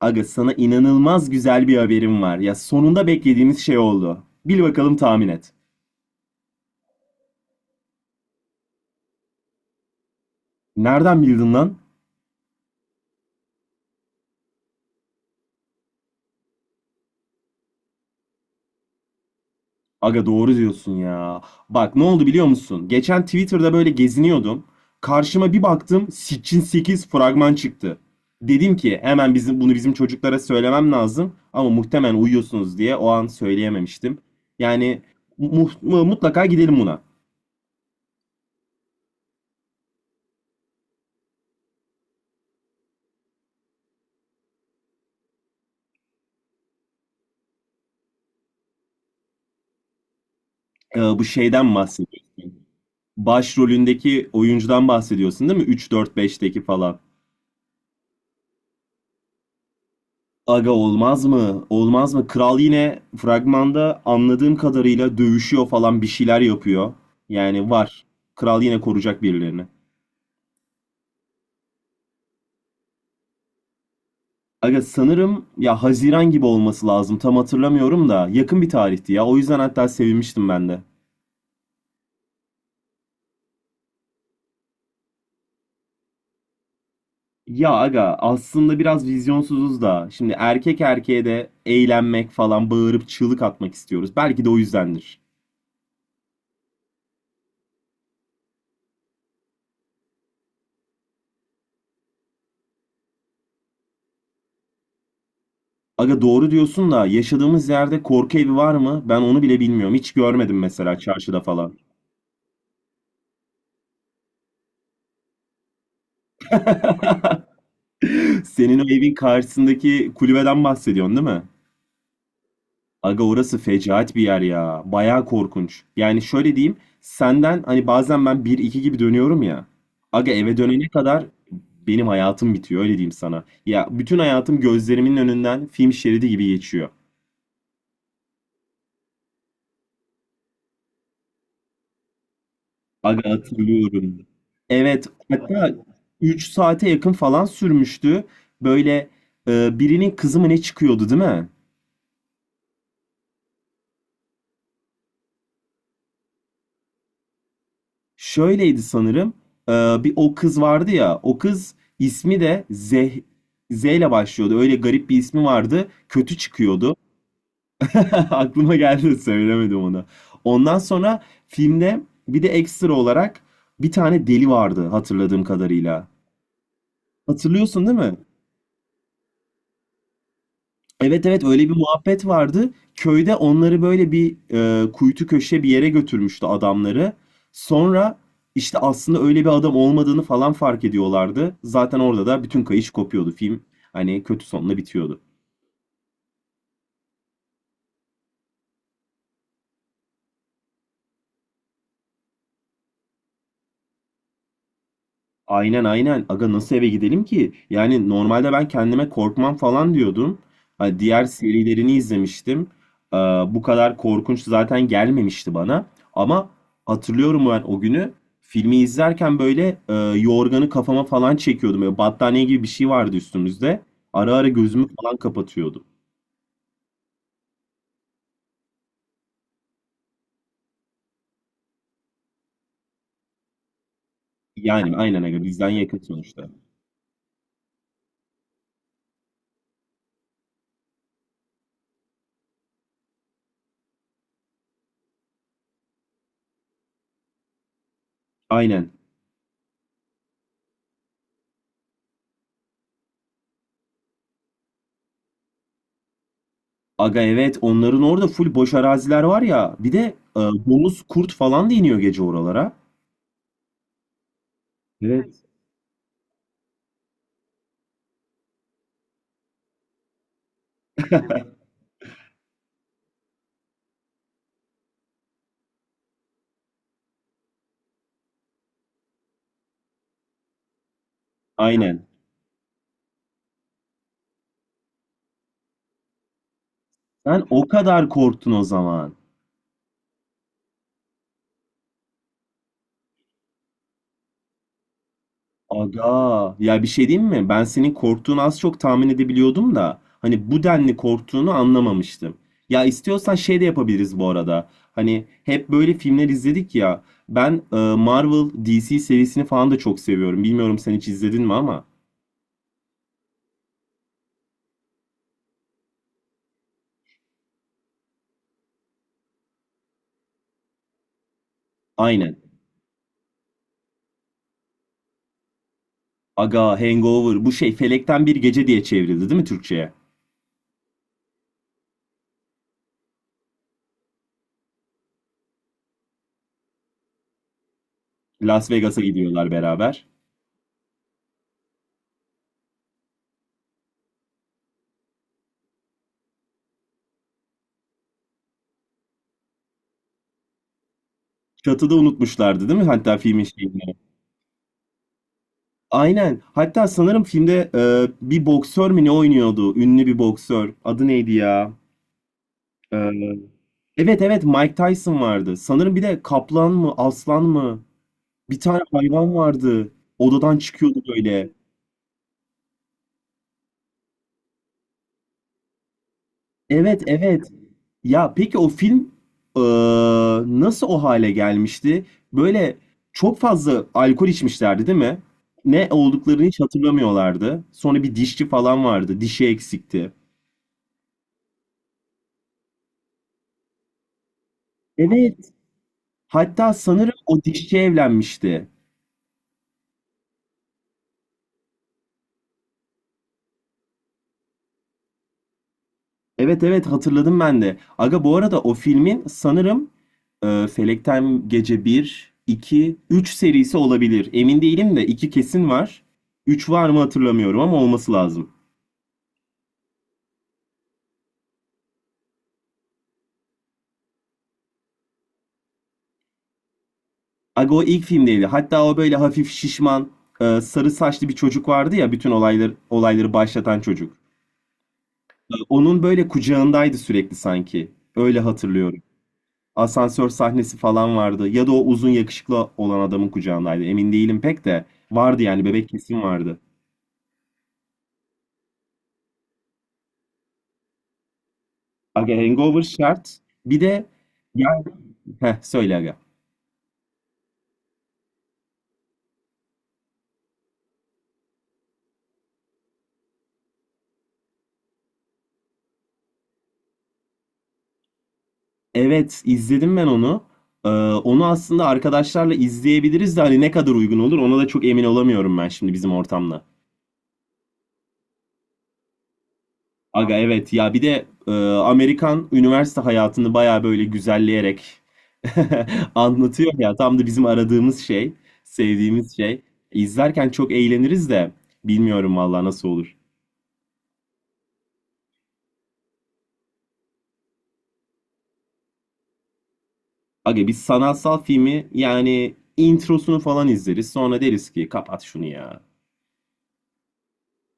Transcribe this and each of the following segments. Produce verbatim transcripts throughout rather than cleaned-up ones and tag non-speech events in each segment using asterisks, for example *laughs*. Aga sana inanılmaz güzel bir haberim var. Ya sonunda beklediğimiz şey oldu. Bil bakalım tahmin et. Nereden bildin lan? Aga doğru diyorsun ya. Bak ne oldu biliyor musun? Geçen Twitter'da böyle geziniyordum. Karşıma bir baktım Sitchin sekiz fragman çıktı. Dedim ki hemen bizim bunu bizim çocuklara söylemem lazım ama muhtemelen uyuyorsunuz diye o an söyleyememiştim. Yani mu- mutlaka gidelim buna. Ee, bu şeyden bahsediyorum. Başrolündeki oyuncudan bahsediyorsun değil mi? Üç dört beşteki falan. Aga olmaz mı? Olmaz mı? Kral yine fragmanda anladığım kadarıyla dövüşüyor falan bir şeyler yapıyor. Yani var. Kral yine koruyacak birilerini. Aga sanırım ya Haziran gibi olması lazım. Tam hatırlamıyorum da yakın bir tarihti ya. O yüzden hatta sevinmiştim ben de. Ya aga aslında biraz vizyonsuzuz da. Şimdi erkek erkeğe de eğlenmek falan bağırıp çığlık atmak istiyoruz. Belki de o yüzdendir. Aga doğru diyorsun da yaşadığımız yerde korku evi var mı? Ben onu bile bilmiyorum. Hiç görmedim mesela çarşıda falan. *laughs* Senin o evin karşısındaki kulübeden bahsediyorsun değil mi? Aga orası fecaat bir yer ya. Bayağı korkunç. Yani şöyle diyeyim. Senden hani bazen ben bir iki gibi dönüyorum ya. Aga eve dönene kadar benim hayatım bitiyor, öyle diyeyim sana. Ya bütün hayatım gözlerimin önünden film şeridi gibi geçiyor. Aga hatırlıyorum. Evet, hatta üç saate yakın falan sürmüştü. Böyle e, birinin kızı mı ne çıkıyordu değil mi? Şöyleydi sanırım. E, bir o kız vardı ya. O kız ismi de Zeh, Z ile başlıyordu. Öyle garip bir ismi vardı. Kötü çıkıyordu. *laughs* Aklıma geldi, söylemedim onu. Ondan sonra filmde bir de ekstra olarak bir tane deli vardı, hatırladığım kadarıyla. Hatırlıyorsun değil mi? Evet, evet, öyle bir muhabbet vardı. Köyde onları böyle bir e, kuytu köşe bir yere götürmüştü adamları. Sonra işte aslında öyle bir adam olmadığını falan fark ediyorlardı. Zaten orada da bütün kayış kopuyordu. Film hani kötü sonla bitiyordu. Aynen, aynen. Aga nasıl eve gidelim ki? Yani normalde ben kendime korkmam falan diyordum. Hani diğer serilerini izlemiştim. Ee, bu kadar korkunç zaten gelmemişti bana. Ama hatırlıyorum ben o günü filmi izlerken böyle e, yorganı kafama falan çekiyordum. Böyle battaniye gibi bir şey vardı üstümüzde. Ara ara gözümü falan kapatıyordum. Yani aynen aga, bizden yakın sonuçta. Aynen. Aga evet, onların orada full boş araziler var ya. Bir de e, domuz kurt falan da iniyor gece oralara. Evet, aynen. Sen o kadar korktun o zaman. Aga, ya bir şey diyeyim mi? Ben senin korktuğunu az çok tahmin edebiliyordum da hani bu denli korktuğunu anlamamıştım. Ya istiyorsan şey de yapabiliriz bu arada. Hani hep böyle filmler izledik ya. Ben e, Marvel D C serisini falan da çok seviyorum. Bilmiyorum sen hiç izledin mi ama. Aynen. Aga, Hangover bu şey Felekten Bir Gece diye çevrildi değil mi Türkçe'ye? Las Vegas'a gidiyorlar beraber. Çatıda unutmuşlardı değil mi? Hatta filmin şeyini. Aynen. Hatta sanırım filmde e, bir boksör mü ne oynuyordu? Ünlü bir boksör. Adı neydi ya? E, evet, evet Mike Tyson vardı. Sanırım bir de kaplan mı aslan mı? Bir tane hayvan vardı. Odadan çıkıyordu böyle. Evet, evet. Ya peki o film e, nasıl o hale gelmişti? Böyle çok fazla alkol içmişlerdi değil mi? Ne olduklarını hiç hatırlamıyorlardı. Sonra bir dişçi falan vardı. Dişi eksikti. Evet. Hatta sanırım o dişçi evlenmişti. Evet, evet, hatırladım ben de. Aga bu arada o filmin sanırım e, Felekten Gece bir, iki, üç serisi olabilir. Emin değilim de iki kesin var. Üç var mı hatırlamıyorum ama olması lazım. Aga o ilk filmdeydi. Hatta o böyle hafif şişman, e, sarı saçlı bir çocuk vardı ya, bütün olayları olayları başlatan çocuk. E, Onun böyle kucağındaydı sürekli sanki. Öyle hatırlıyorum. Asansör sahnesi falan vardı. Ya da o uzun yakışıklı olan adamın kucağındaydı. Emin değilim pek de. Vardı yani, bebek kesin vardı. Aga Hangover şart. Bir de ya heh, söyle aga. Evet, izledim ben onu. Ee, onu aslında arkadaşlarla izleyebiliriz de hani ne kadar uygun olur ona da çok emin olamıyorum ben şimdi bizim ortamda. Aga evet ya, bir de e, Amerikan üniversite hayatını baya böyle güzelleyerek *laughs* anlatıyor ya, tam da bizim aradığımız şey, sevdiğimiz şey. İzlerken çok eğleniriz de bilmiyorum vallahi nasıl olur. Aga biz sanatsal filmi yani introsunu falan izleriz, sonra deriz ki kapat şunu ya.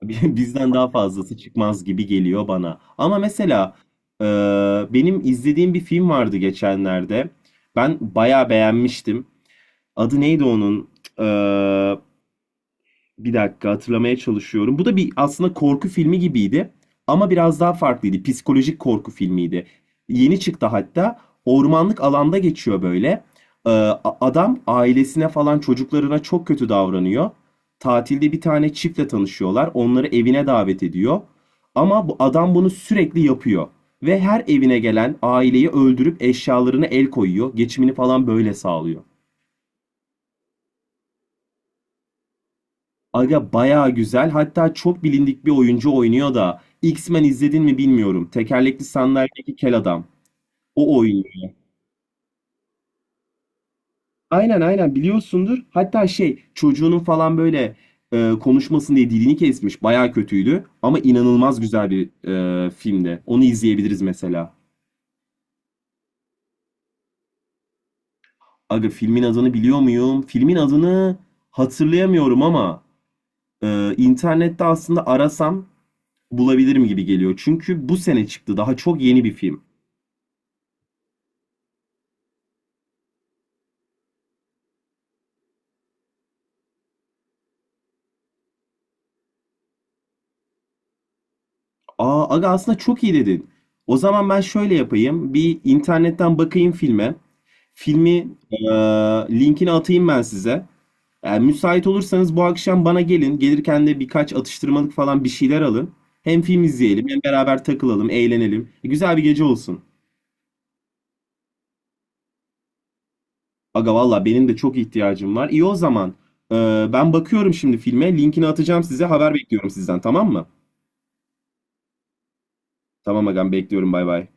*laughs* Bizden daha fazlası çıkmaz gibi geliyor bana. Ama mesela e, benim izlediğim bir film vardı geçenlerde. Ben bayağı beğenmiştim. Adı neydi onun? Ee, bir dakika, hatırlamaya çalışıyorum. Bu da bir aslında korku filmi gibiydi. Ama biraz daha farklıydı. Psikolojik korku filmiydi. Yeni çıktı hatta. Ormanlık alanda geçiyor böyle. Ee, a- adam ailesine falan çocuklarına çok kötü davranıyor. Tatilde bir tane çiftle tanışıyorlar. Onları evine davet ediyor. Ama bu adam bunu sürekli yapıyor. Ve her evine gelen aileyi öldürüp eşyalarına el koyuyor. Geçimini falan böyle sağlıyor. Aga bayağı güzel. Hatta çok bilindik bir oyuncu oynuyor da. X-Men izledin mi bilmiyorum. Tekerlekli sandalyedeki kel adam. O oynuyor. Aynen, aynen biliyorsundur. Hatta şey çocuğunun falan böyle e, konuşmasın diye dilini kesmiş. Bayağı kötüydü. Ama inanılmaz güzel bir e, filmdi. Onu izleyebiliriz mesela. Aga filmin adını biliyor muyum? Filmin adını hatırlayamıyorum ama e, internette aslında arasam bulabilirim gibi geliyor. Çünkü bu sene çıktı. Daha çok yeni bir film. Aa, aga aslında çok iyi dedin. O zaman ben şöyle yapayım. Bir internetten bakayım filme. Filmi eee, linkini atayım ben size. Yani müsait olursanız bu akşam bana gelin. Gelirken de birkaç atıştırmalık falan bir şeyler alın. Hem film izleyelim hem beraber takılalım, eğlenelim. E, güzel bir gece olsun. Aga valla benim de çok ihtiyacım var. İyi o zaman. Eee, ben bakıyorum şimdi filme. Linkini atacağım size. Haber bekliyorum sizden, tamam mı? Tamam agam, bekliyorum, bay bay.